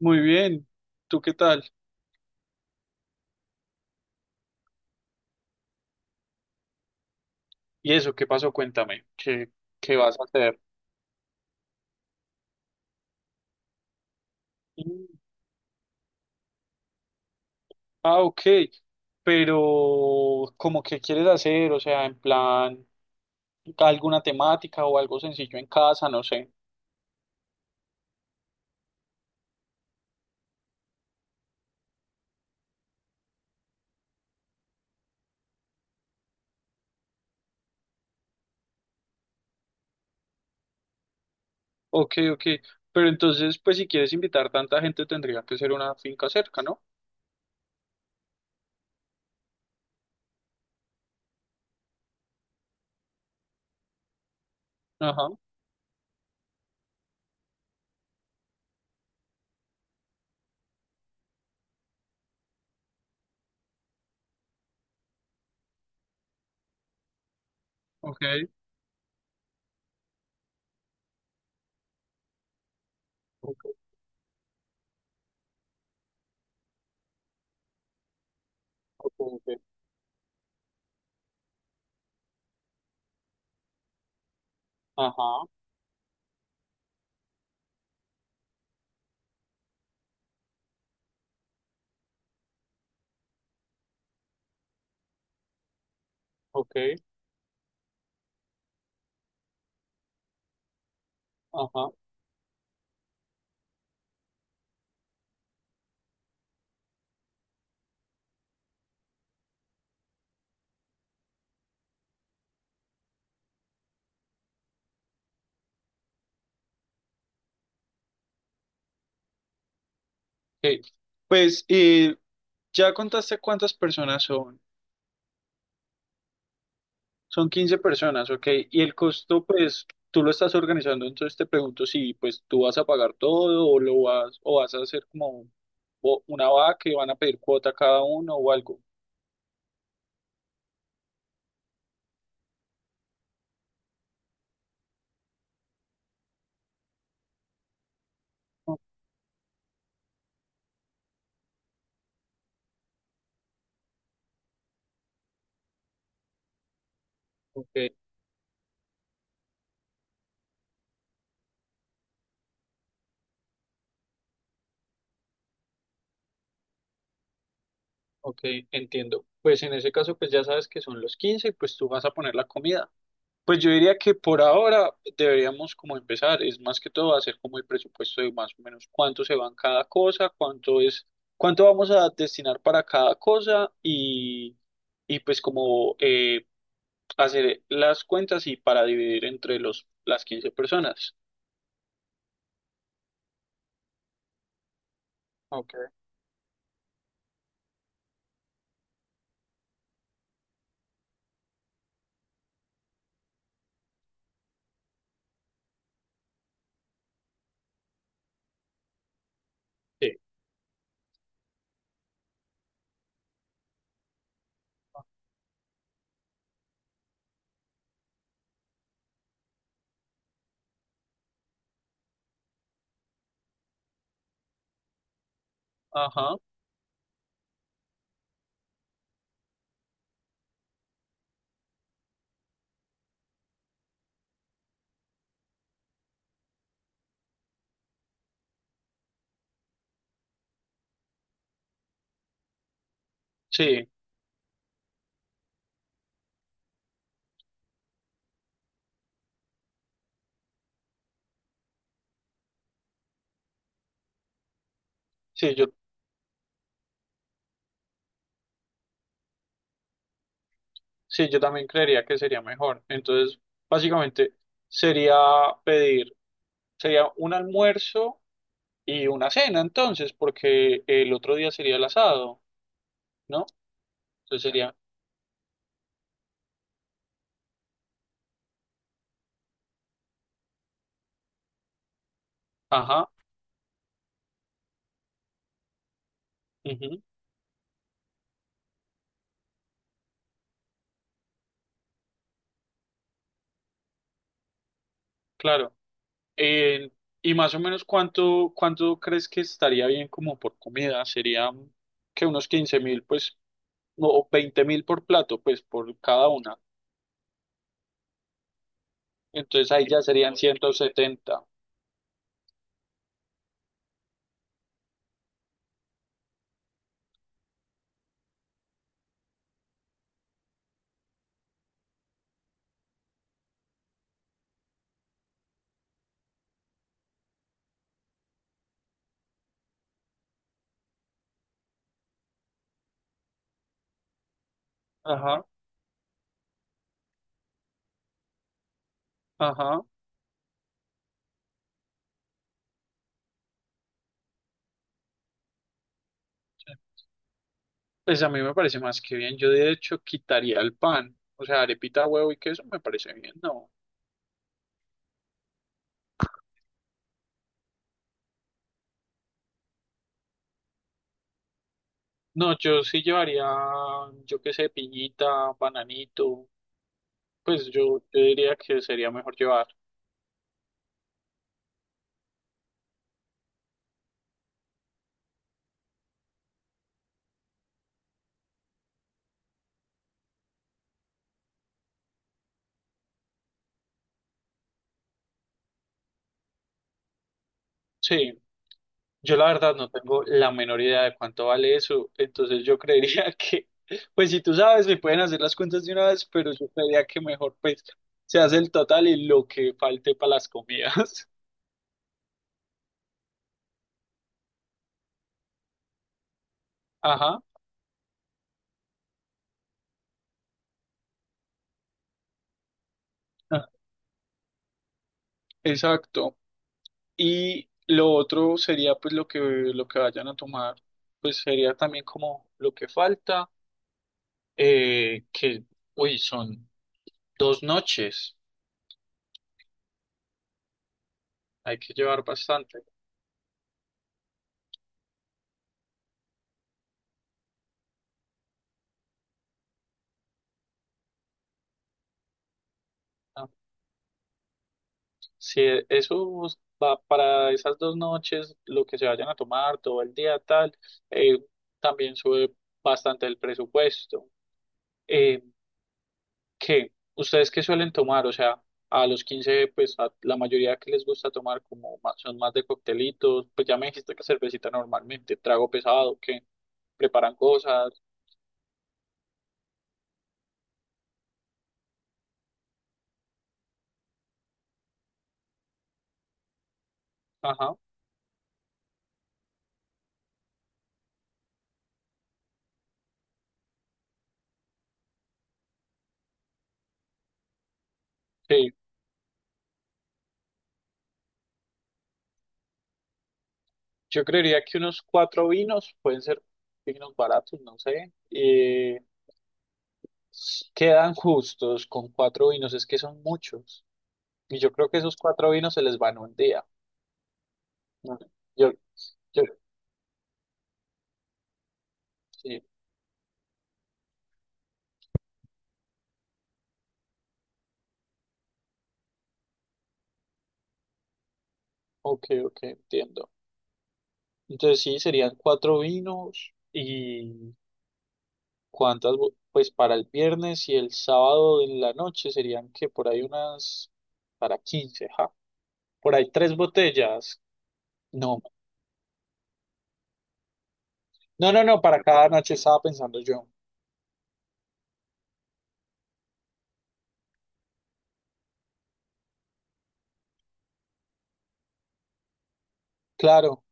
Muy bien, ¿tú qué tal? ¿Y eso qué pasó? Cuéntame, ¿Qué vas a hacer? Mm. Ah, ok, pero ¿cómo qué quieres hacer? O sea, en plan, alguna temática o algo sencillo en casa, no sé. Ok, ok, pero entonces, pues si quieres invitar tanta gente tendría que ser una finca cerca, ¿no? Ajá. Ok, ok, ok, ok. Ajá. Ok. Ajá. Ok. Pues, ¿ya contaste cuántas personas son? Son 15 personas, ok. Y el costo, pues, tú lo estás organizando, entonces te pregunto si, pues, tú vas a pagar todo o lo vas, o vas a hacer como un- o una vaca que van a pedir cuota cada uno o algo. Oh. Ok, ok, entiendo. Pues en ese caso, pues ya sabes que son los 15, y pues tú vas a poner la comida. Pues yo diría que por ahora deberíamos como empezar, es más que todo hacer como el presupuesto de más o menos cuánto se va en cada cosa, cuánto es, cuánto vamos a destinar para cada cosa y pues como hacer las cuentas y para dividir entre las 15 personas. Ok. Sí. Ajá, sí, sí, yo, sí, yo también creería que sería mejor. Entonces, básicamente sería pedir, sería un almuerzo y una cena entonces, porque el otro día sería el asado, ¿no? Entonces sería, ajá, ujú, claro. Eh, y más o menos cuánto crees que estaría bien como por comida, sería que unos 15.000, pues, no, o 20.000 por plato, pues, por cada una. Entonces ahí ya serían 170. Ajá, ajá. Sí. Pues a mí me parece más que bien. Yo de hecho quitaría el pan. O sea, arepita, huevo y queso me parece bien. No. No, yo sí llevaría, yo qué sé, piñita, bananito. Pues yo diría que sería mejor llevar. Sí, yo la verdad no tengo la menor idea de cuánto vale eso. Entonces yo creería que, pues si tú sabes, me pueden hacer las cuentas de una vez, pero yo creería que mejor pues se hace el total y lo que falte para las comidas. Ajá, ah, exacto. Y lo otro sería pues lo que vayan a tomar, pues sería también como lo que falta, que, uy, son 2 noches, hay que llevar bastante, ¿no? Si eso va para esas 2 noches, lo que se vayan a tomar todo el día, tal, eh, también sube bastante el presupuesto. Eh, ¿Qué? ¿Ustedes qué suelen tomar? O sea, a los 15 pues a la mayoría que les gusta tomar como son más de coctelitos, pues ya me dijiste que cervecita normalmente, trago pesado, que preparan cosas, ajá, sí. Yo creería que unos cuatro vinos, pueden ser vinos baratos, no sé, quedan justos con cuatro vinos, es que son muchos. Y yo creo que esos cuatro vinos se les van un día. Ujú. Yo, yo, sí, ok, ok, entiendo. Entonces sí, serían cuatro vinos y cuántas, pues para el viernes y el sábado en la noche serían que por ahí unas, para 15 ja, por ahí tres botellas. No, no, no, no, para cada noche estaba pensando yo. Claro,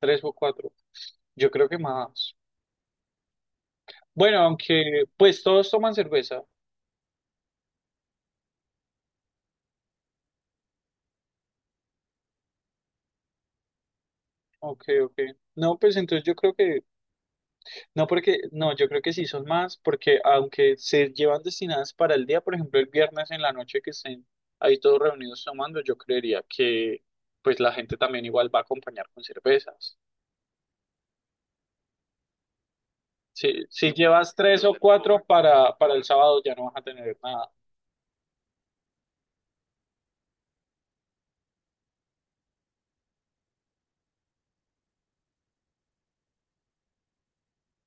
tres o cuatro. Yo creo que más. Bueno, aunque pues todos toman cerveza. Ok, ok. No, pues entonces yo creo que no, porque, no, yo creo que sí son más, porque aunque se llevan destinadas para el día, por ejemplo, el viernes en la noche que estén ahí todos reunidos tomando, yo creería que pues la gente también igual va a acompañar con cervezas. Si, si llevas tres o cuatro para, el sábado ya no vas a tener nada.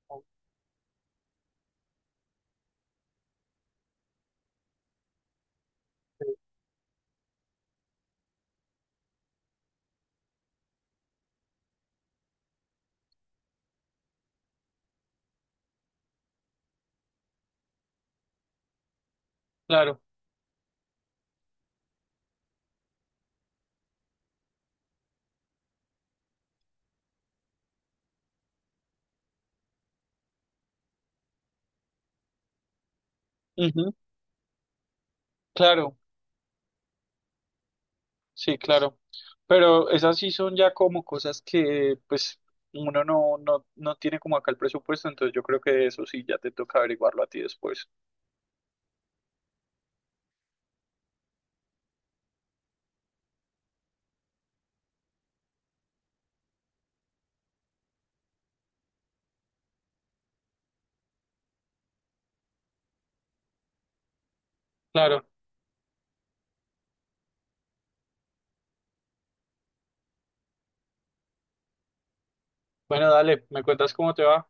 Ok. Claro, ujú, claro, sí, claro. Pero esas sí son ya como cosas que pues uno no, no, no tiene como acá el presupuesto, entonces yo creo que eso sí ya te toca averiguarlo a ti después. Claro. Bueno, dale, me cuentas cómo te va.